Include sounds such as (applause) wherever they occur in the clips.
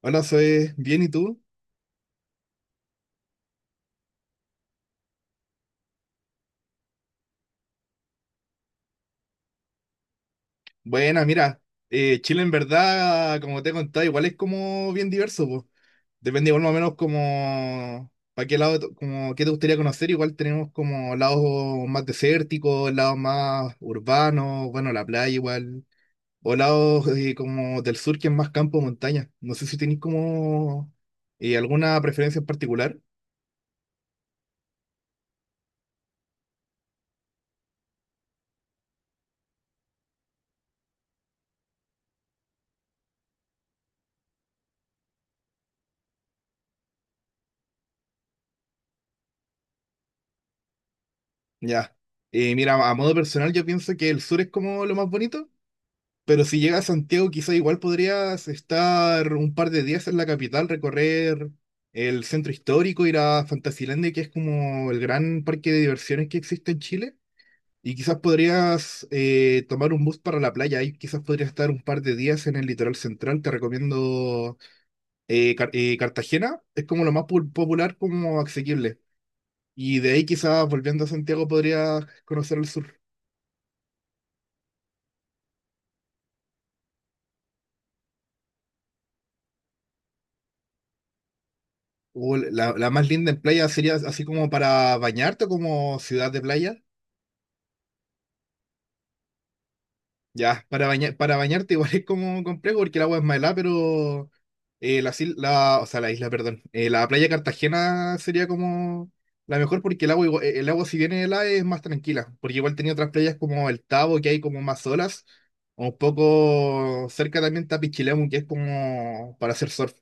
Hola, soy bien, ¿y tú? Buena, mira, Chile en verdad, como te he contado, igual es como bien diverso, pues. Depende igual más o menos como para qué lado, como qué te gustaría conocer, igual tenemos como lados más desérticos, lados más urbanos, bueno, la playa igual, o lados como del sur que es más campo, montaña. No sé si tenéis como alguna preferencia en particular. Ya. Mira, a modo personal yo pienso que el sur es como lo más bonito. Pero si llega a Santiago, quizá igual podrías estar un par de días en la capital, recorrer el centro histórico, ir a Fantasilandia, que es como el gran parque de diversiones que existe en Chile. Y quizás podrías tomar un bus para la playa. Ahí quizás podrías estar un par de días en el litoral central. Te recomiendo Cartagena. Es como lo más popular, como asequible. Y de ahí quizás volviendo a Santiago podrías conocer el sur. La más linda en playa sería así como para bañarte, como ciudad de playa. Ya, para bañar, para bañarte igual (laughs) es como complejo porque el agua es más helada, pero o sea, la isla, perdón. La playa de Cartagena sería como la mejor porque el agua, el agua si viene helada es más tranquila, porque igual tenía otras playas como el Tabo que hay como más olas, o un poco cerca también está Pichilemu que es como para hacer surf.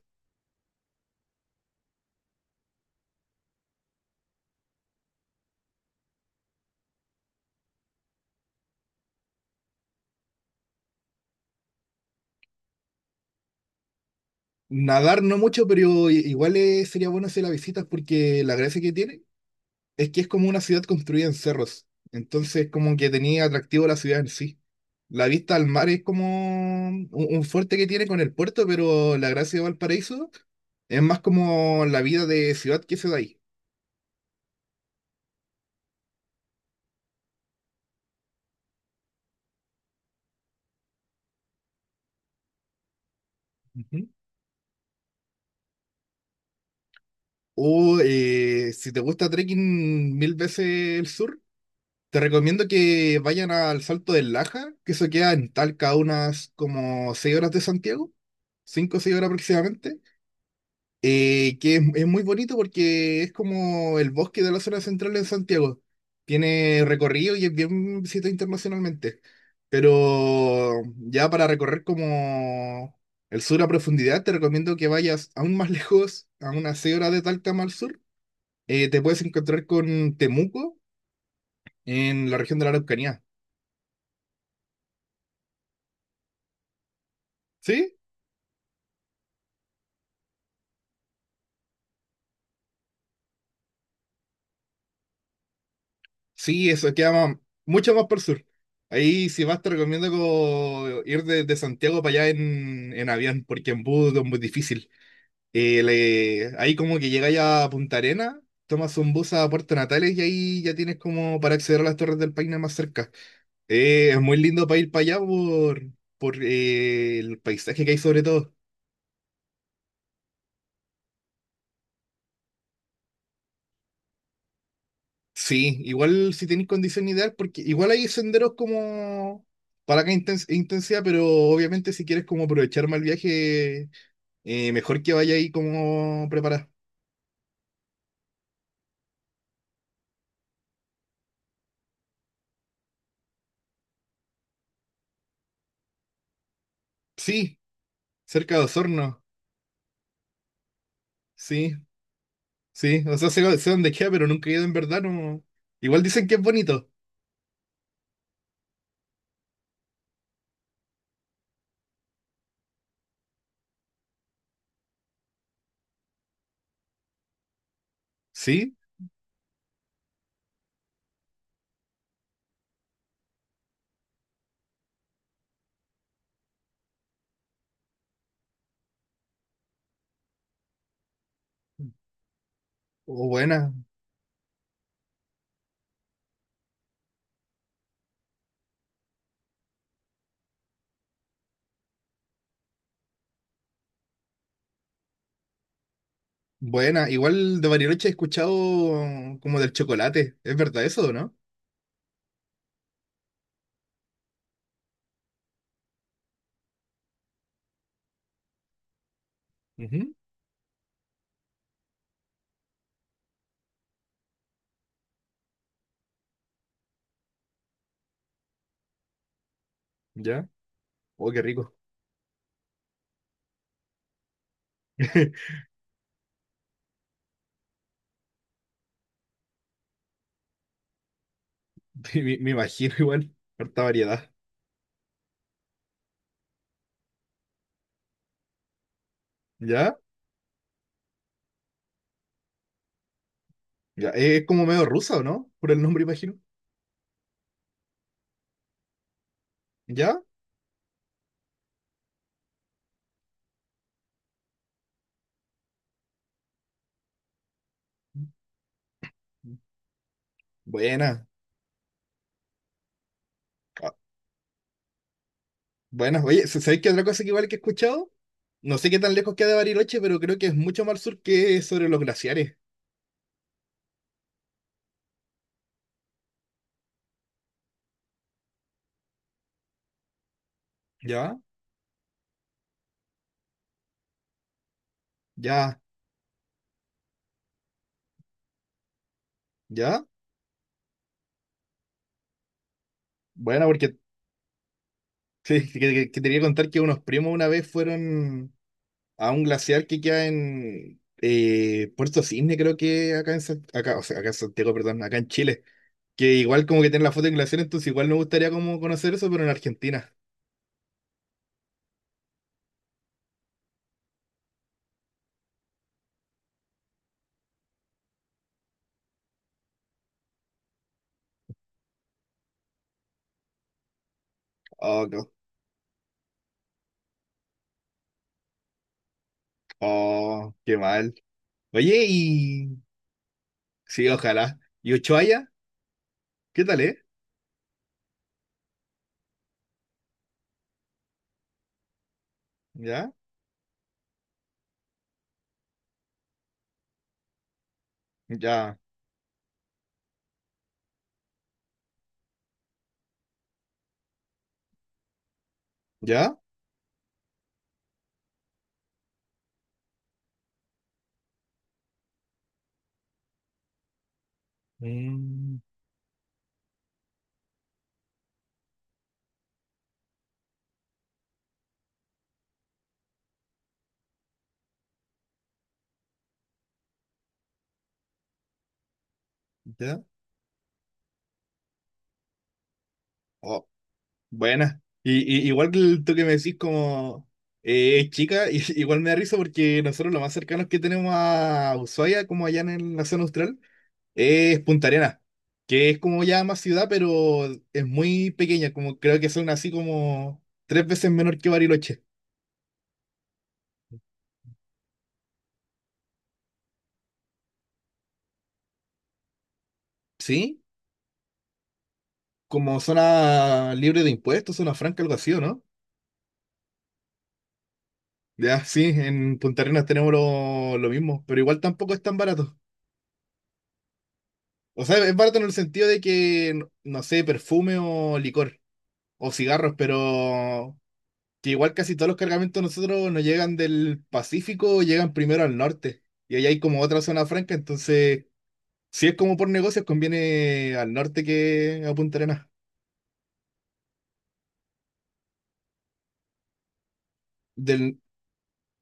Nadar no mucho, pero igual sería bueno hacer las visitas porque la gracia que tiene. Es que es como una ciudad construida en cerros, entonces como que tenía atractivo la ciudad en sí. La vista al mar es como un fuerte que tiene con el puerto, pero la gracia de Valparaíso es más como la vida de ciudad que se da ahí. Ujú. O si te gusta trekking mil veces el sur, te recomiendo que vayan al Salto del Laja, que eso queda en Talca a unas como 6 horas de Santiago, 5 o seis horas aproximadamente. Que es muy bonito porque es como el bosque de la zona central en Santiago. Tiene recorrido y es bien visitado internacionalmente. Pero ya para recorrer como el sur a profundidad, te recomiendo que vayas aún más (laughs) lejos, a unas 6 horas de Talca más al sur. Te puedes encontrar con Temuco en la región de la Araucanía. ¿Sí? Sí, eso queda mucho más por el sur. Ahí si vas te recomiendo como ir de Santiago para allá en avión, porque en bus es muy difícil. Ahí como que llegáis a Punta Arenas, tomas un bus a Puerto Natales y ahí ya tienes como para acceder a las Torres del Paine más cerca. Es muy lindo para ir para allá por el paisaje que hay sobre todo. Sí, igual si tenéis condición ideal, porque igual hay senderos como para que intensidad, pero obviamente si quieres como aprovechar más el viaje, mejor que vaya ahí como preparada. Sí, cerca de Osorno, sí, sí, o sea, sé dónde queda, pero nunca he ido en verdad, no. Igual dicen que es bonito, sí, o buena, igual de Bariloche he escuchado como del chocolate, ¿es verdad eso o no? Ujú, ya, oh, qué rico, (laughs) me imagino igual, harta variedad. ¿Ya? Ya. Es como medio rusa, ¿o no? Por el nombre, imagino. ¿Ya? Buena. Ah, buena. Oye, ¿sabéis qué otra cosa que igual que he escuchado? No sé qué tan lejos queda de Bariloche, pero creo que es mucho más al sur que sobre los glaciares. ¿Ya? Ya, ya. Bueno, porque sí, que, que te quería contar que unos primos una vez fueron a un glaciar que queda en Puerto Cisne, creo que acá en, acá, o sea, acá en Santiago, perdón, acá en Chile. Que igual como que tienen la foto en glaciar, entonces igual me gustaría como conocer eso, pero en Argentina. Oh, co- oh, qué mal. Oye, y sí, ojalá. ¿Y Ushuaia? ¿Qué tal, eh? ¿Ya? ¿Ya? ¿Ya? Mm, ¿ya? Oh, buena. Y, igual que tú que me decís como es chica, (laughs) igual me da risa porque nosotros lo más cercanos que tenemos a Ushuaia, como allá en la zona austral, es Punta Arenas, que es como ya más ciudad, pero es muy pequeña, como creo que son así como tres veces menor que Bariloche. ¿Sí? Como zona libre de impuestos, zona franca, algo así, ¿o no? Ya, sí, en Punta Arenas tenemos lo mismo, pero igual tampoco es tan barato. O sea, es barato en el sentido de que, no sé, perfume o licor o cigarros, pero que igual casi todos los cargamentos nosotros nos llegan del Pacífico, llegan primero al norte. Y ahí hay como otra zona franca, entonces, si es como por negocios, conviene al norte que a Punta Arenas. Del,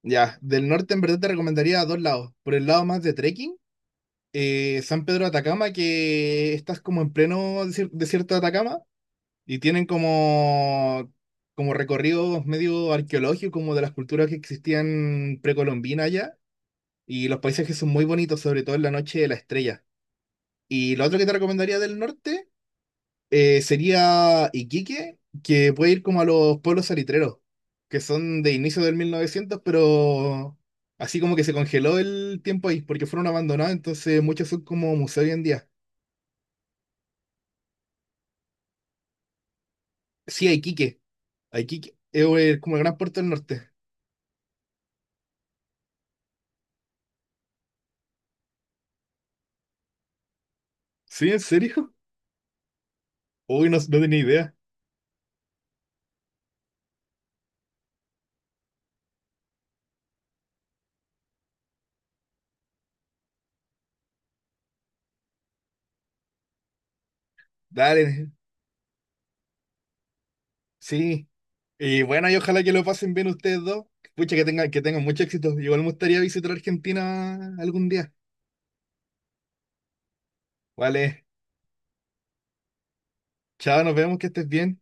ya, del norte en verdad te recomendaría a dos lados. Por el lado más de trekking San Pedro de Atacama, que estás como en pleno desierto de Atacama y tienen como, como recorridos medio arqueológicos, como de las culturas que existían precolombinas allá. Y los paisajes son muy bonitos, sobre todo en la noche de la estrella. Y lo otro que te recomendaría del norte sería Iquique, que puede ir como a los pueblos salitreros, que son de inicio del 1900, pero así como que se congeló el tiempo ahí, porque fueron abandonados, entonces muchos son como museo hoy en día. Sí, a Iquique. A Iquique. Es como el gran puerto del norte. ¿Sí? ¿En serio? Uy, no, no tenía idea. Dale, sí. Y bueno, y ojalá que lo pasen bien ustedes dos. Pucha, que tengan mucho éxito. Igual me gustaría visitar Argentina algún día. Vale, chao, nos vemos, que estés bien.